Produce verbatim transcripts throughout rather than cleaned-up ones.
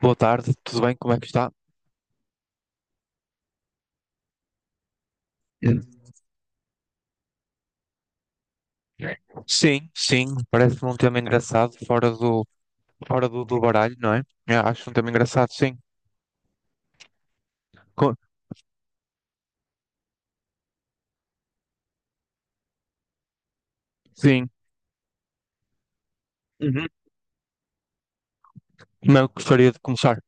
Boa tarde, tudo bem? Como é que está? Sim, sim, parece-me um tema engraçado, fora do, fora do, do baralho, não é? Eu acho um tema engraçado, sim. Co- sim, uhum. Não, eu gostaria de começar.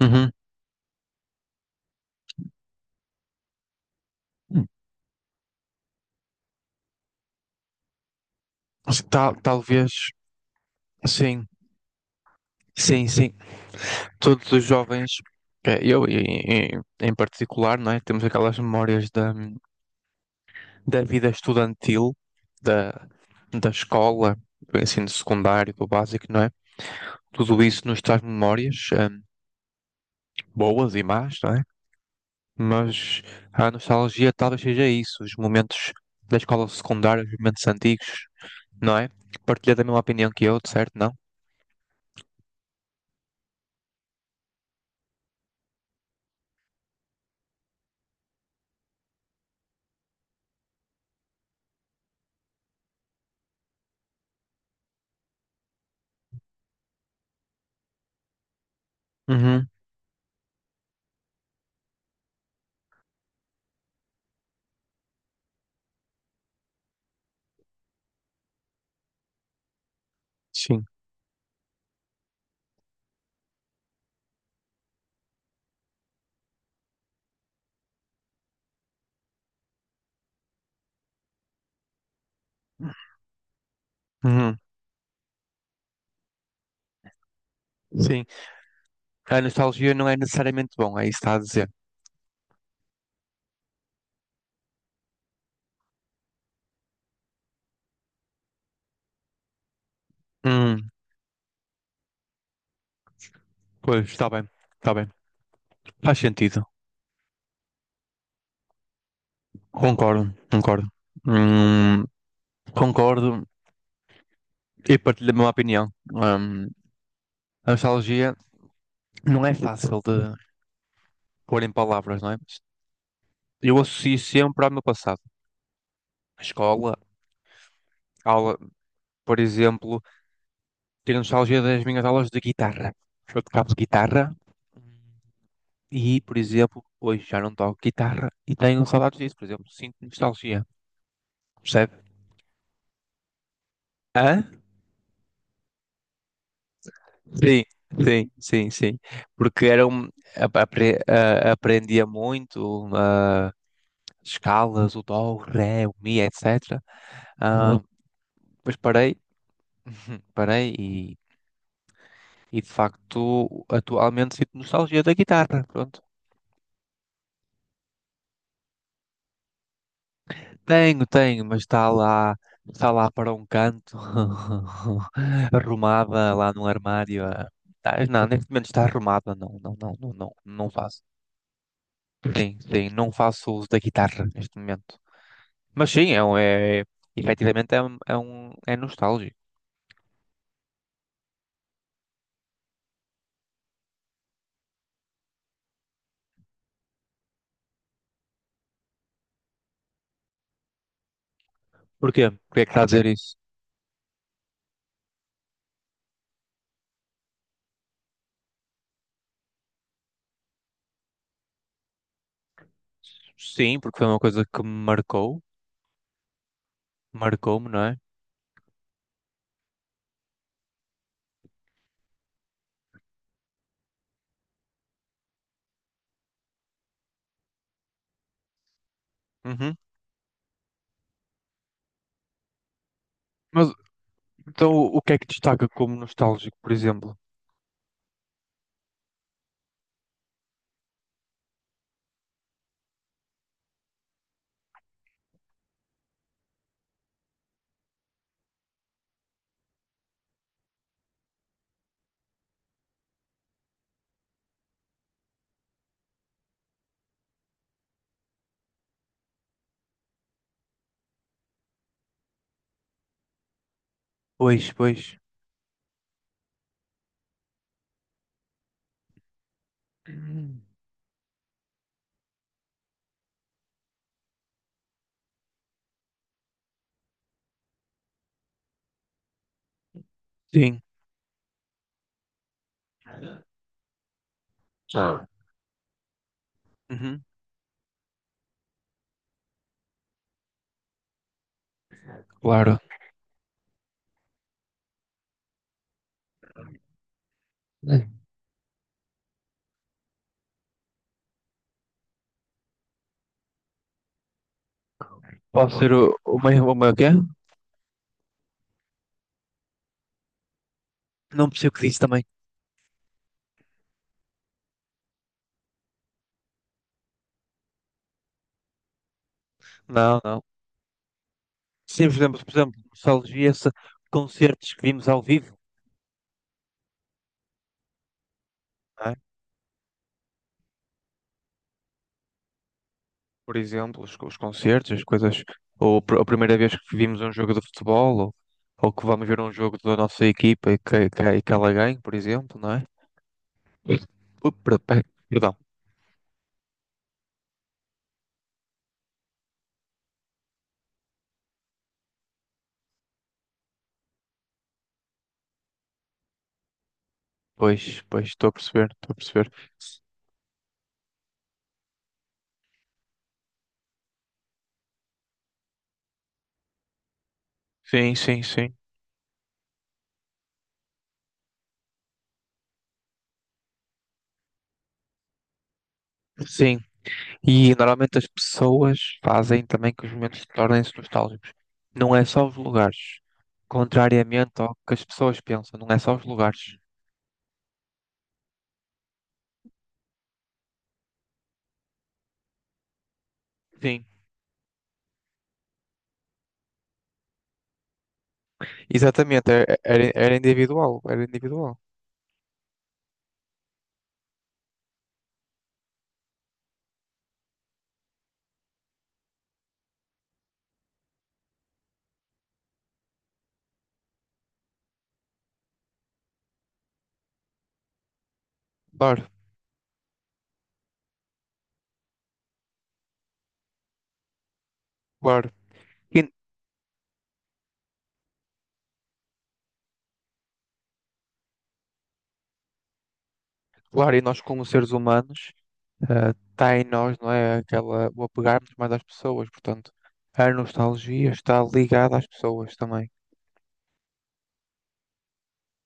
Uhum. Tal, talvez, sim, sim, sim. Todos os jovens, eh, eu em, em em particular, não é? Temos aquelas memórias da, da vida estudantil, da, da escola, do ensino secundário, do básico, não é? Tudo isso nos traz memórias. hum, boas e más, não é? Mas a nostalgia talvez seja isso, os momentos da escola secundária, os momentos antigos, não é? Partilha da mesma opinião que eu, de certo, não? Uhum, sim. Uhum, sim. A nostalgia não é necessariamente bom, é isso que está a dizer. Hum, pois, está bem, está bem. Faz sentido. Concordo, concordo. Hum, concordo e partilho a mesma opinião. Hum, a nostalgia não é fácil de pôr em palavras, não é? Eu associo sempre ao meu passado. A escola, aula, por exemplo, ter nostalgia das minhas aulas de guitarra. Eu tocava guitarra e, por exemplo, hoje já não toco guitarra e tenho saudades disso, por exemplo. Sinto nostalgia, percebe? Hã? Sim, sim, sim, sim. Porque era um, ap- apre- ah, aprendia muito ah, escalas, o dó, o ré, o mi, etcétera. Ah, uhum. Depois parei, parei e, e de facto atualmente sinto nostalgia da guitarra. Pronto. Tenho, tenho, mas está lá, está lá para um canto, arrumada lá no armário. Ah. Tá- Não, neste momento está arrumada, não, não, não, não, não, não faço. Sim, sim, não faço uso da guitarra neste momento. Mas sim, é, um- é, efetivamente é, um, é um- é nostálgico. Porquê? Porquê é que está a dizer isso? Sim, porque foi uma coisa que me marcou, marcou-me, não é? Uhum. Mas então o que é que destaca como nostálgico, por exemplo? Pois, pois. Hum. Sim. Uhum, claro. É. Pode ser o, o meu, o meu quê? Não percebo o que disse também. Não, não. Sim, por exemplo, por exemplo, nostalgia-se concertos que vimos ao vivo, não é? Por exemplo, os, os concertos, as coisas, ou pr- a primeira vez que vimos um jogo de futebol, ou, ou que vamos ver um jogo da nossa equipa e que, que, e que ela ganhe, por exemplo, não é? Ui, per- per- perdão. Pois, pois, estou a perceber, estou a perceber. Sim, sim, sim. Sim. E normalmente as pessoas fazem também que os momentos tornem-se nostálgicos. Não é só os lugares. Contrariamente ao que as pessoas pensam, não é só os lugares. Sim, exatamente. Era, era- era individual. Era individual. Claro, claro. E, claro, e nós, como seres humanos, está em nós, não é? Aquela, o apegarmos mais às pessoas. Portanto, a nostalgia está ligada às pessoas também.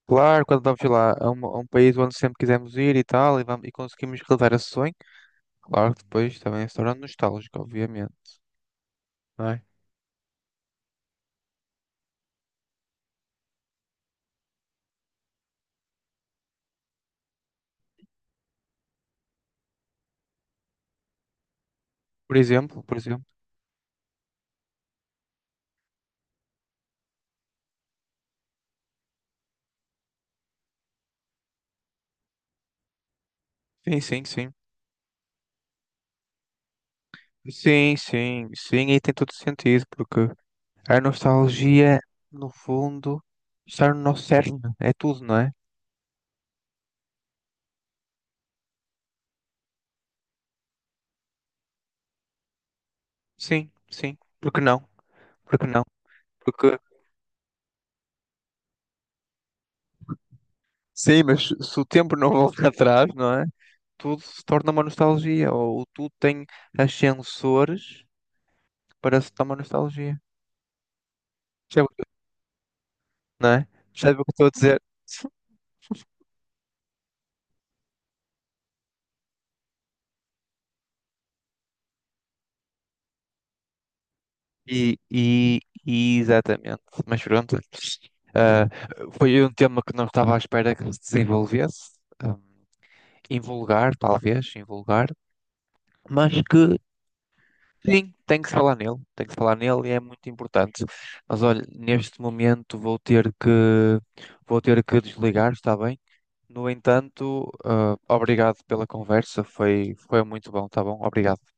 Claro, quando vamos lá a um, a um país onde sempre quisemos ir e tal, e, vamos, e conseguimos realizar esse sonho, claro que depois também se torna nostálgico, obviamente, não é? Por exemplo, por exemplo. Sim, sim, sim. Sim, sim, sim, e tem todo sentido, porque a nostalgia, no fundo, está no nosso cerne, é tudo, não é? Sim, sim. Porque não? Porque não? Porque, sim, mas se o tempo não volta atrás, não é? Tudo se torna uma nostalgia, ou tudo tem ascensores parece dar uma nostalgia. Percebe o que- Não é? Percebe o que estou a dizer? E, e, e exatamente. Mas pronto. Ah, foi um tema que não estava à espera que se desenvolvesse. Um, invulgar, talvez, invulgar. Mas que, sim, tem que se falar nele. Tem que se falar nele e é muito importante. Mas olha, neste momento vou ter que, vou ter que desligar, está bem? No entanto, ah, obrigado pela conversa. Foi, foi muito bom, está bom? Obrigado.